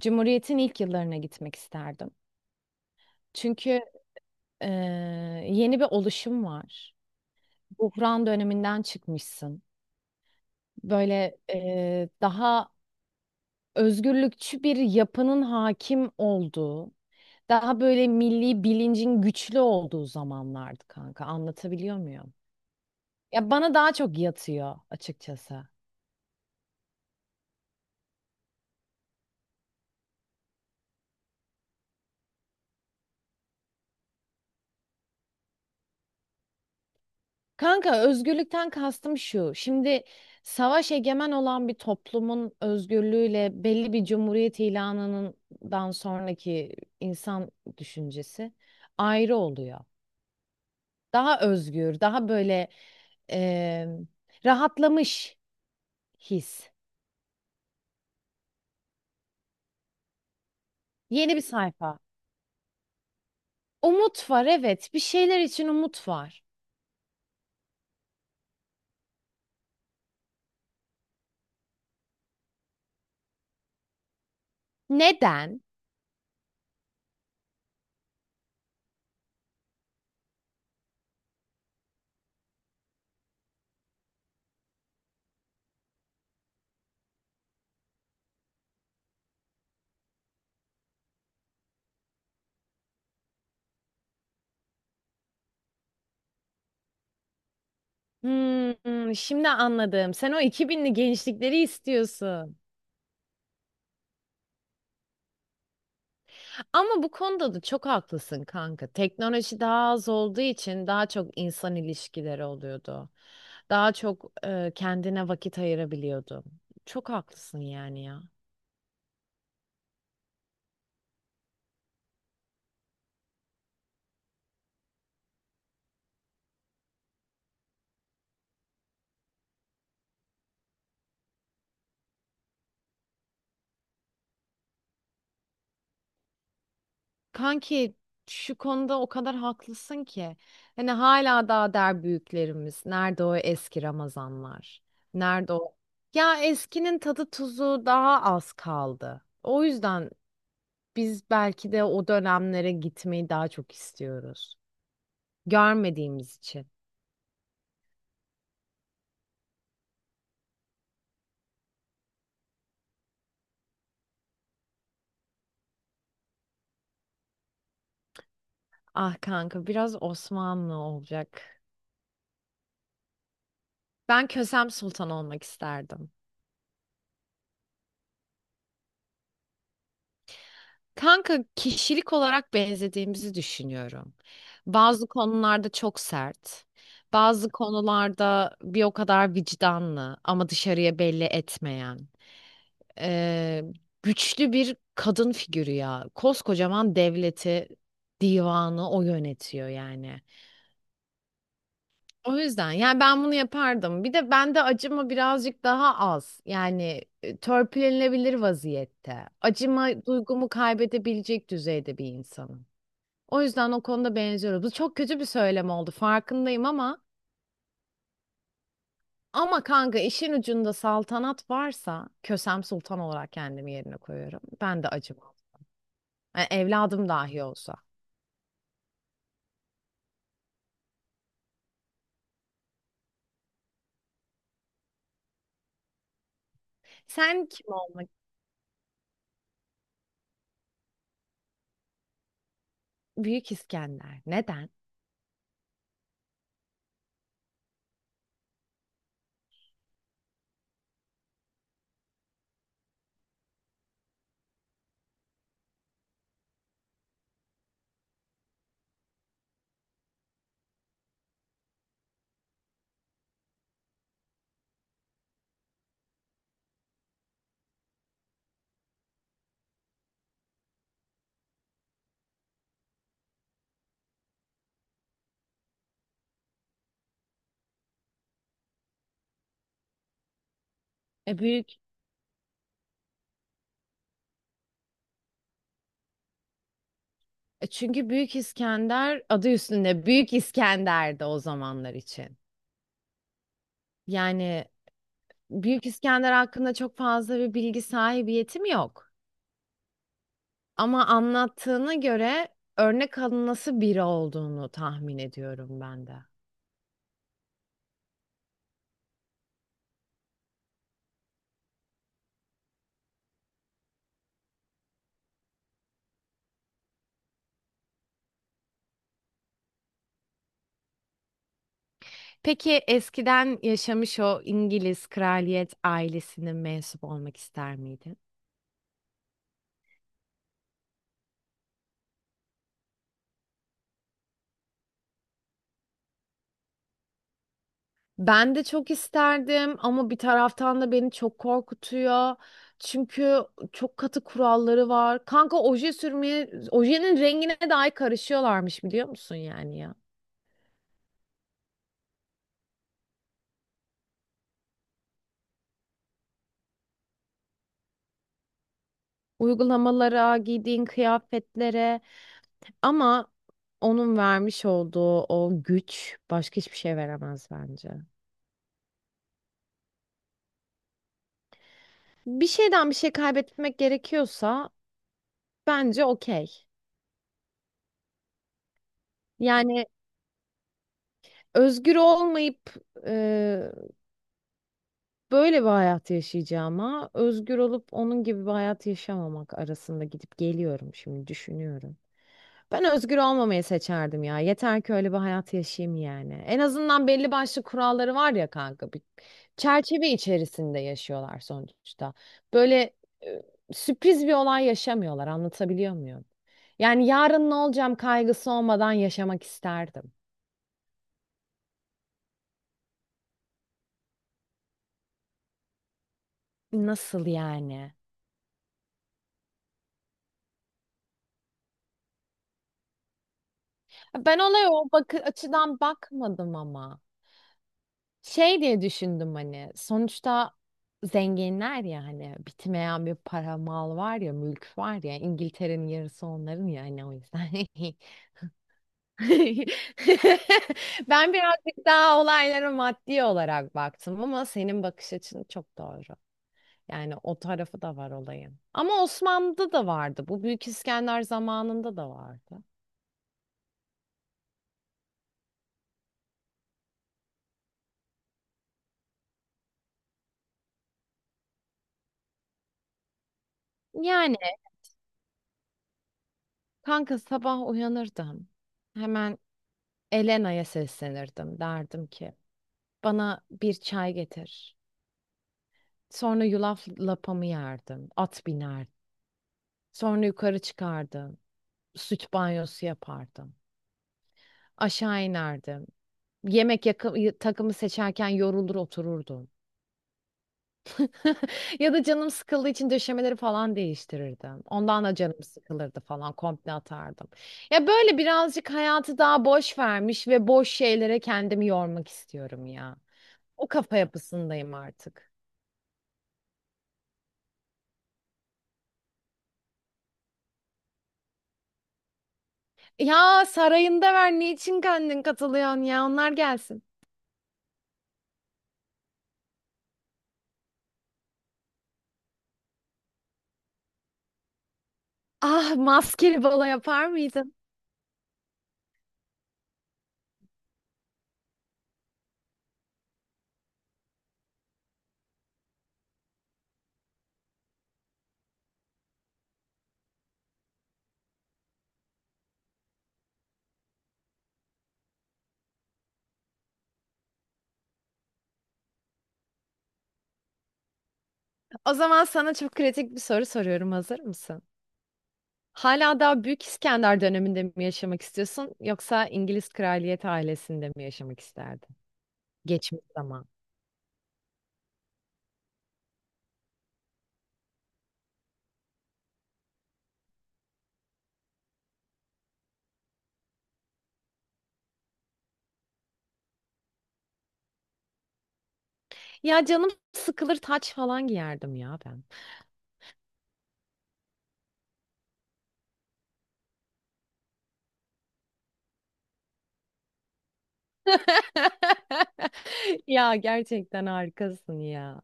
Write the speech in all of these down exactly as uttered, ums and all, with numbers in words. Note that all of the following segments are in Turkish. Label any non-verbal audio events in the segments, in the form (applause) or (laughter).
Cumhuriyet'in ilk yıllarına gitmek isterdim. Çünkü e, yeni bir oluşum var. Buhran döneminden çıkmışsın. Böyle e, daha özgürlükçü bir yapının hakim olduğu, daha böyle milli bilincin güçlü olduğu zamanlardı kanka. Anlatabiliyor muyum? Ya bana daha çok yatıyor açıkçası. Kanka özgürlükten kastım şu. Şimdi savaş egemen olan bir toplumun özgürlüğüyle belli bir cumhuriyet ilanından sonraki insan düşüncesi ayrı oluyor. Daha özgür, daha böyle eee, rahatlamış his. Yeni bir sayfa. Umut var, evet. Bir şeyler için umut var. Neden? Hmm, şimdi anladım. Sen o iki binli gençlikleri istiyorsun. Ama bu konuda da çok haklısın kanka. Teknoloji daha az olduğu için daha çok insan ilişkileri oluyordu. Daha çok e, kendine vakit ayırabiliyordu. Çok haklısın yani ya. Kanki, şu konuda o kadar haklısın ki. Hani hala daha der büyüklerimiz. Nerede o eski Ramazanlar? Nerede o? Ya eskinin tadı tuzu daha az kaldı. O yüzden biz belki de o dönemlere gitmeyi daha çok istiyoruz. Görmediğimiz için. Ah kanka, biraz Osmanlı olacak. Ben Kösem Sultan olmak isterdim. Kanka kişilik olarak benzediğimizi düşünüyorum. Bazı konularda çok sert, bazı konularda bir o kadar vicdanlı ama dışarıya belli etmeyen. Ee, güçlü bir kadın figürü ya. Koskocaman devleti, divanı o yönetiyor yani. O yüzden yani ben bunu yapardım. Bir de bende acıma birazcık daha az. Yani e, törpülenebilir vaziyette. Acıma duygumu kaybedebilecek düzeyde bir insanım. O yüzden o konuda benziyoruz. Bu çok kötü bir söylem oldu, farkındayım, ama ama kanka işin ucunda saltanat varsa Kösem Sultan olarak kendimi yerine koyuyorum. Ben de acımam. Yani evladım dahi olsa. Sen kim olmak? Büyük İskender. Neden? E, büyük E, Çünkü Büyük İskender adı üstünde Büyük İskender'di o zamanlar için. Yani Büyük İskender hakkında çok fazla bir bilgi sahibiyetim yok. Ama anlattığına göre örnek alınası biri olduğunu tahmin ediyorum ben de. Peki eskiden yaşamış o İngiliz kraliyet ailesinin mensup olmak ister miydin? Ben de çok isterdim ama bir taraftan da beni çok korkutuyor. Çünkü çok katı kuralları var. Kanka oje sürmeye, ojenin rengine dahi karışıyorlarmış, biliyor musun yani ya? Uygulamalara, giydiğin kıyafetlere, ama onun vermiş olduğu o güç başka hiçbir şey veremez bence. Bir şeyden bir şey kaybetmek gerekiyorsa bence okey. Yani özgür olmayıp böyle bir hayat yaşayacağıma özgür olup onun gibi bir hayat yaşamamak arasında gidip geliyorum şimdi düşünüyorum. Ben özgür olmamayı seçerdim ya. Yeter ki öyle bir hayat yaşayayım yani. En azından belli başlı kuralları var ya kanka. Bir çerçeve içerisinde yaşıyorlar sonuçta. Böyle e, sürpriz bir olay yaşamıyorlar. Anlatabiliyor muyum? Yani yarın ne olacağım kaygısı olmadan yaşamak isterdim. Nasıl yani? Ben olaya o bakı açıdan bakmadım ama. Şey diye düşündüm hani sonuçta zenginler ya, hani bitmeyen bir para, mal var ya, mülk var ya, İngiltere'nin yarısı onların ya hani, o yüzden. (laughs) Ben birazcık daha olaylara maddi olarak baktım ama senin bakış açın çok doğru. Yani o tarafı da var olayın. Ama Osmanlı'da da vardı. Bu Büyük İskender zamanında da vardı. Yani kanka sabah uyanırdım. Hemen Elena'ya seslenirdim. Derdim ki, bana bir çay getir. Sonra yulaf lapamı yerdim. At binerdim. Sonra yukarı çıkardım. Süt banyosu yapardım. Aşağı inerdim. Yemek yakı- takımı seçerken yorulur otururdum. (laughs) Ya da canım sıkıldığı için döşemeleri falan değiştirirdim. Ondan da canım sıkılırdı falan, komple atardım. Ya böyle birazcık hayatı daha boş vermiş ve boş şeylere kendimi yormak istiyorum ya. O kafa yapısındayım artık. Ya sarayında ver, niçin kendin katılıyorsun ya, onlar gelsin. Ah, maskeli balo yapar mıydın? O zaman sana çok kritik bir soru soruyorum, hazır mısın? Hala daha Büyük İskender döneminde mi yaşamak istiyorsun yoksa İngiliz kraliyet ailesinde mi yaşamak isterdin? Geçmiş zaman. Ya canım sıkılır, taç falan giyerdim ya ben. (laughs) Ya gerçekten harikasın ya.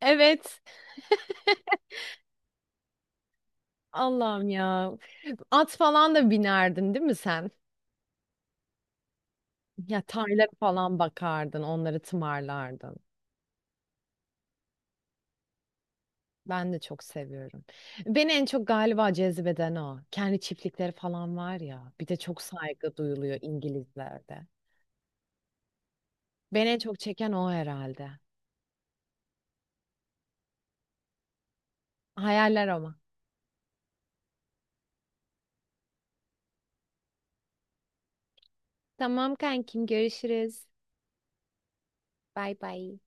Evet. Allah'ım ya. At falan da binerdin değil mi sen? Ya tarla falan bakardın, onları tımarlardın. Ben de çok seviyorum. Beni en çok galiba cezbeden o. Kendi çiftlikleri falan var ya. Bir de çok saygı duyuluyor İngilizlerde. Beni en çok çeken o herhalde. Hayaller ama. Tamam kankim, görüşürüz. Bay bay.